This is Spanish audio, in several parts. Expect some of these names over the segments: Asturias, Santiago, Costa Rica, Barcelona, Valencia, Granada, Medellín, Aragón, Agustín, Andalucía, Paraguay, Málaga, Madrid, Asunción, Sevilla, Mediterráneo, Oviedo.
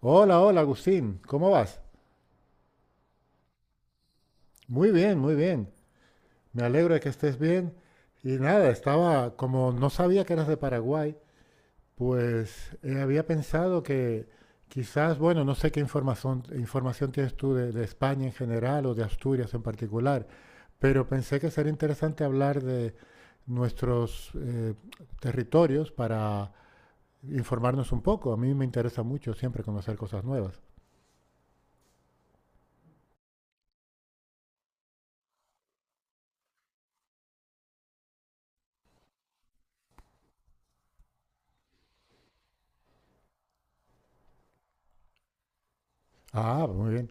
Hola, hola Agustín, ¿cómo vas? Muy bien, muy bien. Me alegro de que estés bien. Y nada, estaba, como no sabía que eras de Paraguay, pues había pensado que quizás, bueno, no sé qué información tienes tú de España en general o de Asturias en particular, pero pensé que sería interesante hablar de nuestros territorios para informarnos un poco. A mí me interesa mucho siempre conocer cosas nuevas. Ah, muy bien.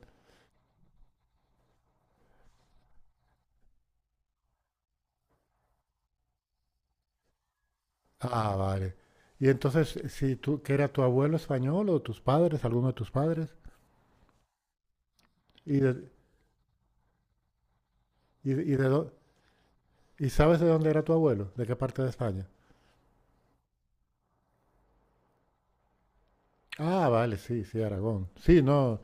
Ah, vale. Y entonces, si tú, ¿que era tu abuelo español o tus padres, alguno de tus padres? ¿Y y, de- y de dó- y sabes de dónde era tu abuelo? ¿De qué parte de España? Ah, vale, sí, sí, Aragón. Sí, no,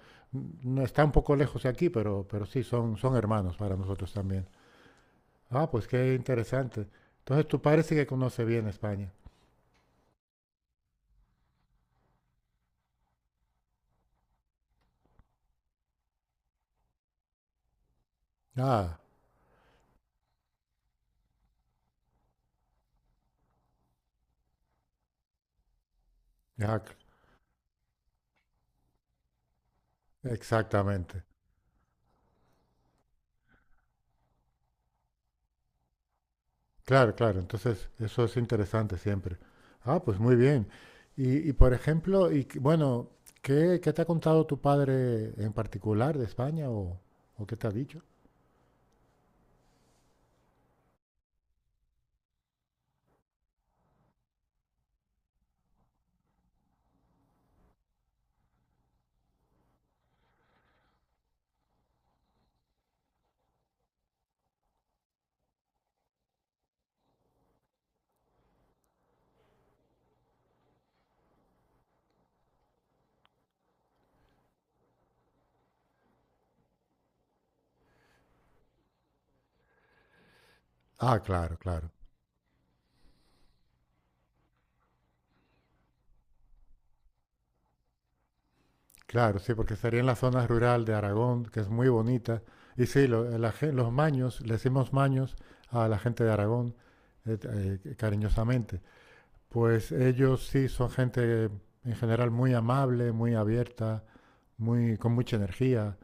no está un poco lejos de aquí, pero sí, son, son hermanos para nosotros también. Ah, pues qué interesante. Entonces tu padre sí que conoce bien España. Ah, ya, c- exactamente. Claro, claro. Entonces, eso es interesante siempre. Ah, pues muy bien. Por ejemplo, bueno, ¿qué, qué te ha contado tu padre en particular de España o qué te ha dicho? Ah, claro, claro. Claro, sí, porque estaría en la zona rural de Aragón, que es muy bonita. Y sí, los maños, le decimos maños a la gente de Aragón, eh, cariñosamente. Pues ellos sí son gente en general muy amable, muy abierta, muy, con mucha energía.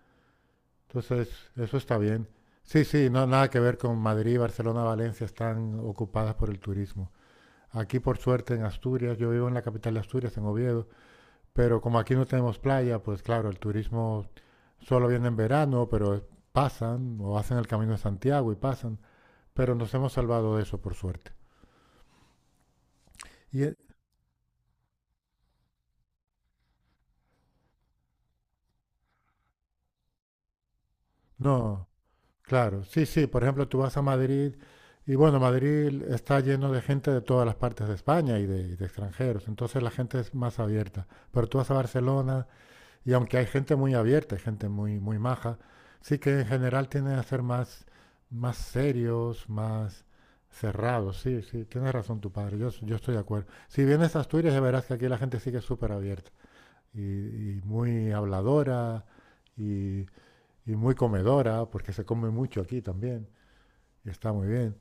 Entonces, eso está bien. Sí, sí, no, nada que ver con Madrid, Barcelona, Valencia, están ocupadas por el turismo. Aquí, por suerte, en Asturias, yo vivo en la capital de Asturias, en Oviedo, pero como aquí no tenemos playa, pues claro, el turismo solo viene en verano, pero pasan o hacen el camino de Santiago y pasan, pero nos hemos salvado de eso, por suerte. Y eh, no, claro, sí, sí. Por ejemplo, tú vas a Madrid y bueno, Madrid está lleno de gente de todas las partes de España y de extranjeros, entonces la gente es más abierta. Pero tú vas a Barcelona y aunque hay gente muy abierta, hay gente muy, muy maja, sí que en general tienden a ser más, más serios, más cerrados. Sí, sí, tienes razón tu padre, yo estoy de acuerdo. Si vienes a Asturias ya verás que aquí la gente sí que es súper abierta y, y muy habladora y y muy comedora, porque se come mucho aquí también. Está muy bien.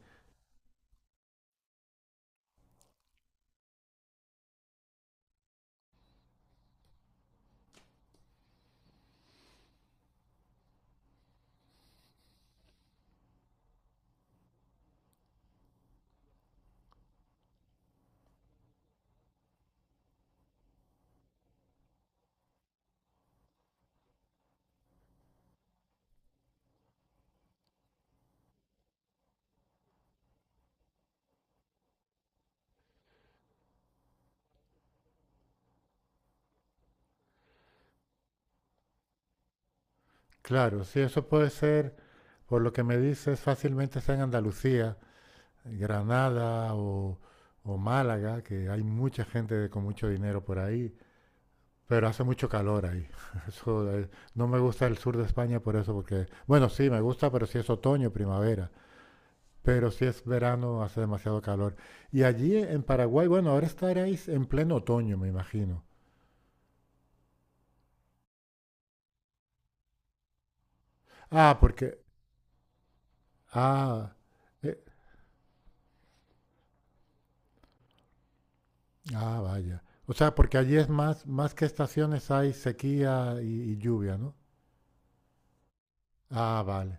Claro, sí, eso puede ser, por lo que me dices, fácilmente está en Andalucía, Granada o Málaga, que hay mucha gente con mucho dinero por ahí, pero hace mucho calor ahí. Eso, no me gusta el sur de España por eso, porque, bueno, sí, me gusta, pero si es otoño, primavera, pero si es verano, hace demasiado calor. Y allí en Paraguay, bueno, ahora estaréis en pleno otoño, me imagino. Ah, porque, ah, e- Ah, vaya. O sea, porque allí es más, más que estaciones hay sequía y lluvia, ¿no? Ah, vale.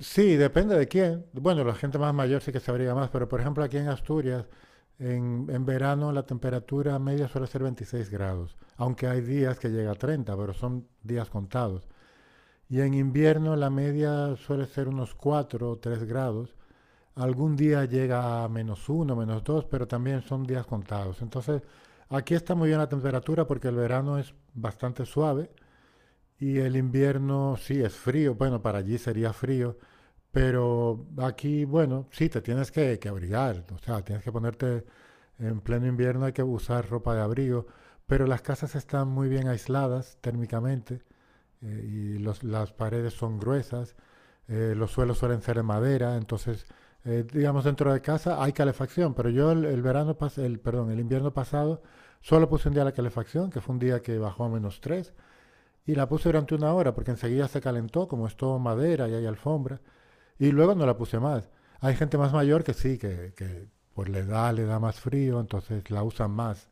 Sí, depende de quién. Bueno, la gente más mayor sí que se abriga más, pero por ejemplo aquí en Asturias, en verano la temperatura media suele ser 26 grados, aunque hay días que llega a 30, pero son días contados. Y en invierno la media suele ser unos 4 o 3 grados, algún día llega a menos uno, menos dos, pero también son días contados. Entonces, aquí está muy bien la temperatura porque el verano es bastante suave y el invierno sí es frío. Bueno, para allí sería frío, pero aquí, bueno, sí, te tienes que abrigar. O sea, tienes que ponerte en pleno invierno, hay que usar ropa de abrigo, pero las casas están muy bien aisladas térmicamente, y las paredes son gruesas, los suelos suelen ser de madera, entonces, digamos, dentro de casa hay calefacción, pero el perdón, el invierno pasado solo puse un día la calefacción, que fue un día que bajó a menos 3 y la puse durante una hora, porque enseguida se calentó, como es todo madera y hay alfombra, y luego no la puse más. Hay gente más mayor que sí, que por la edad le da más frío, entonces la usan más.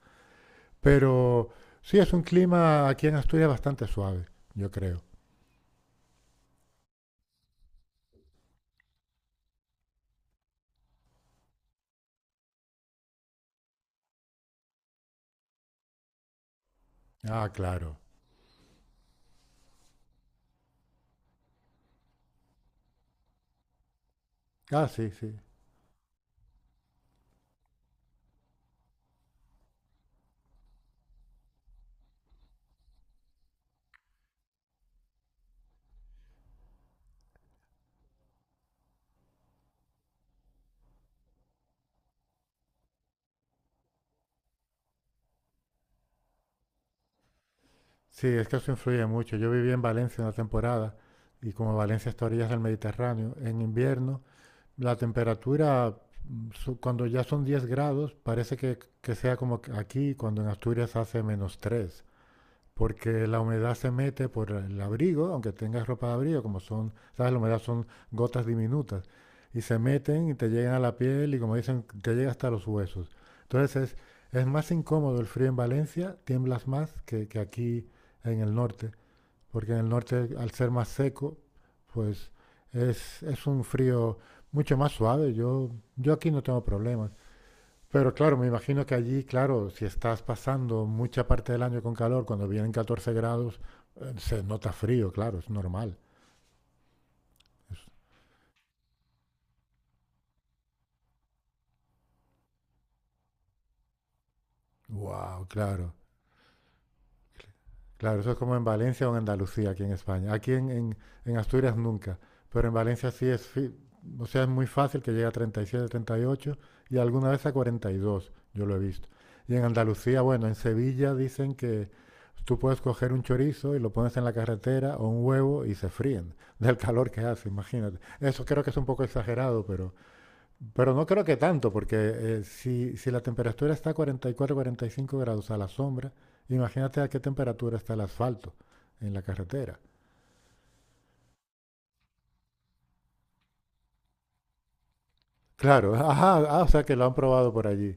Pero sí, es un clima aquí en Asturias bastante suave, yo creo. Ah, claro. Ah, sí, sí. Sí, es que eso influye mucho. Yo viví en Valencia una temporada y como Valencia está a orillas del Mediterráneo, en invierno la cuando ya son 10 grados, parece que sea como que aquí, cuando en Asturias hace menos tres, porque la humedad se mete por el abrigo, aunque tengas ropa de abrigo, como son, sabes, la humedad son gotas diminutas, y se meten y te llegan a la piel y como dicen, te llega hasta los huesos. Entonces es más incómodo el frío en Valencia, tiemblas más que aquí en el norte, porque en el norte al ser más seco, pues es un frío mucho más suave. Yo aquí no tengo problemas. Pero claro, me imagino que allí, claro, si estás pasando mucha parte del año con calor, cuando vienen 14 grados, se nota frío, claro, es normal. Es- wow, claro. Claro, eso es como en Valencia o en Andalucía, aquí en España. En Asturias nunca, pero en Valencia sí o sea, es muy fácil que llegue a 37, 38 y alguna vez a 42. Yo lo he visto. Y en Andalucía, bueno, en Sevilla dicen que tú puedes coger un chorizo y lo pones en la carretera o un huevo y se fríen del calor que hace, imagínate. Eso creo que es un poco exagerado, pero no creo que tanto, porque si la temperatura está a 44, 45 grados a la sombra, imagínate a qué temperatura está el asfalto en la carretera. Claro, ajá, ah, o sea que lo han probado por allí.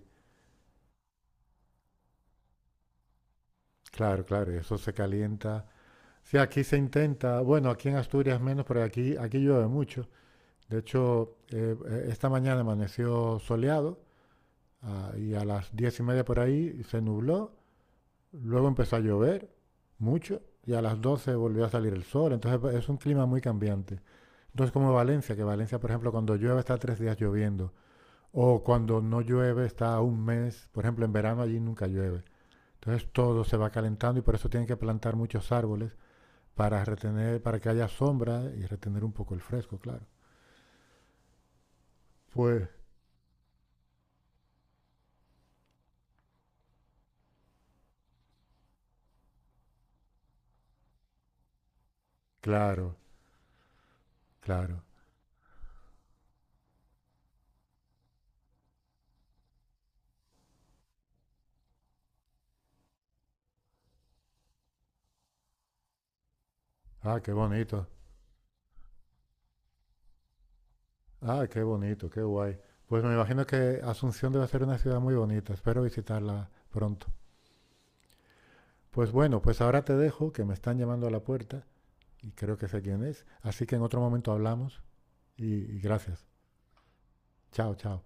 Claro, claro, y eso se calienta. Sí, aquí se intenta, bueno, aquí en Asturias menos, pero aquí, aquí llueve mucho. De hecho, esta mañana amaneció soleado, ah, y a las 10:30 por ahí se nubló. Luego empezó a llover mucho y a las 12 volvió a salir el sol. Entonces es un clima muy cambiante. Entonces como Valencia, que Valencia, por ejemplo, cuando llueve está tres días lloviendo. O cuando no llueve está un mes. Por ejemplo, en verano allí nunca llueve. Entonces todo se va calentando y por eso tienen que plantar muchos árboles para retener, para que haya sombra y retener un poco el fresco, claro. Pues, claro, claro. Ah, qué bonito. Ah, qué bonito, qué guay. Pues me imagino que Asunción debe ser una ciudad muy bonita. Espero visitarla pronto. Pues bueno, pues ahora te dejo, que me están llamando a la puerta y creo que sé quién es. Así que en otro momento hablamos y gracias. Chao, chao.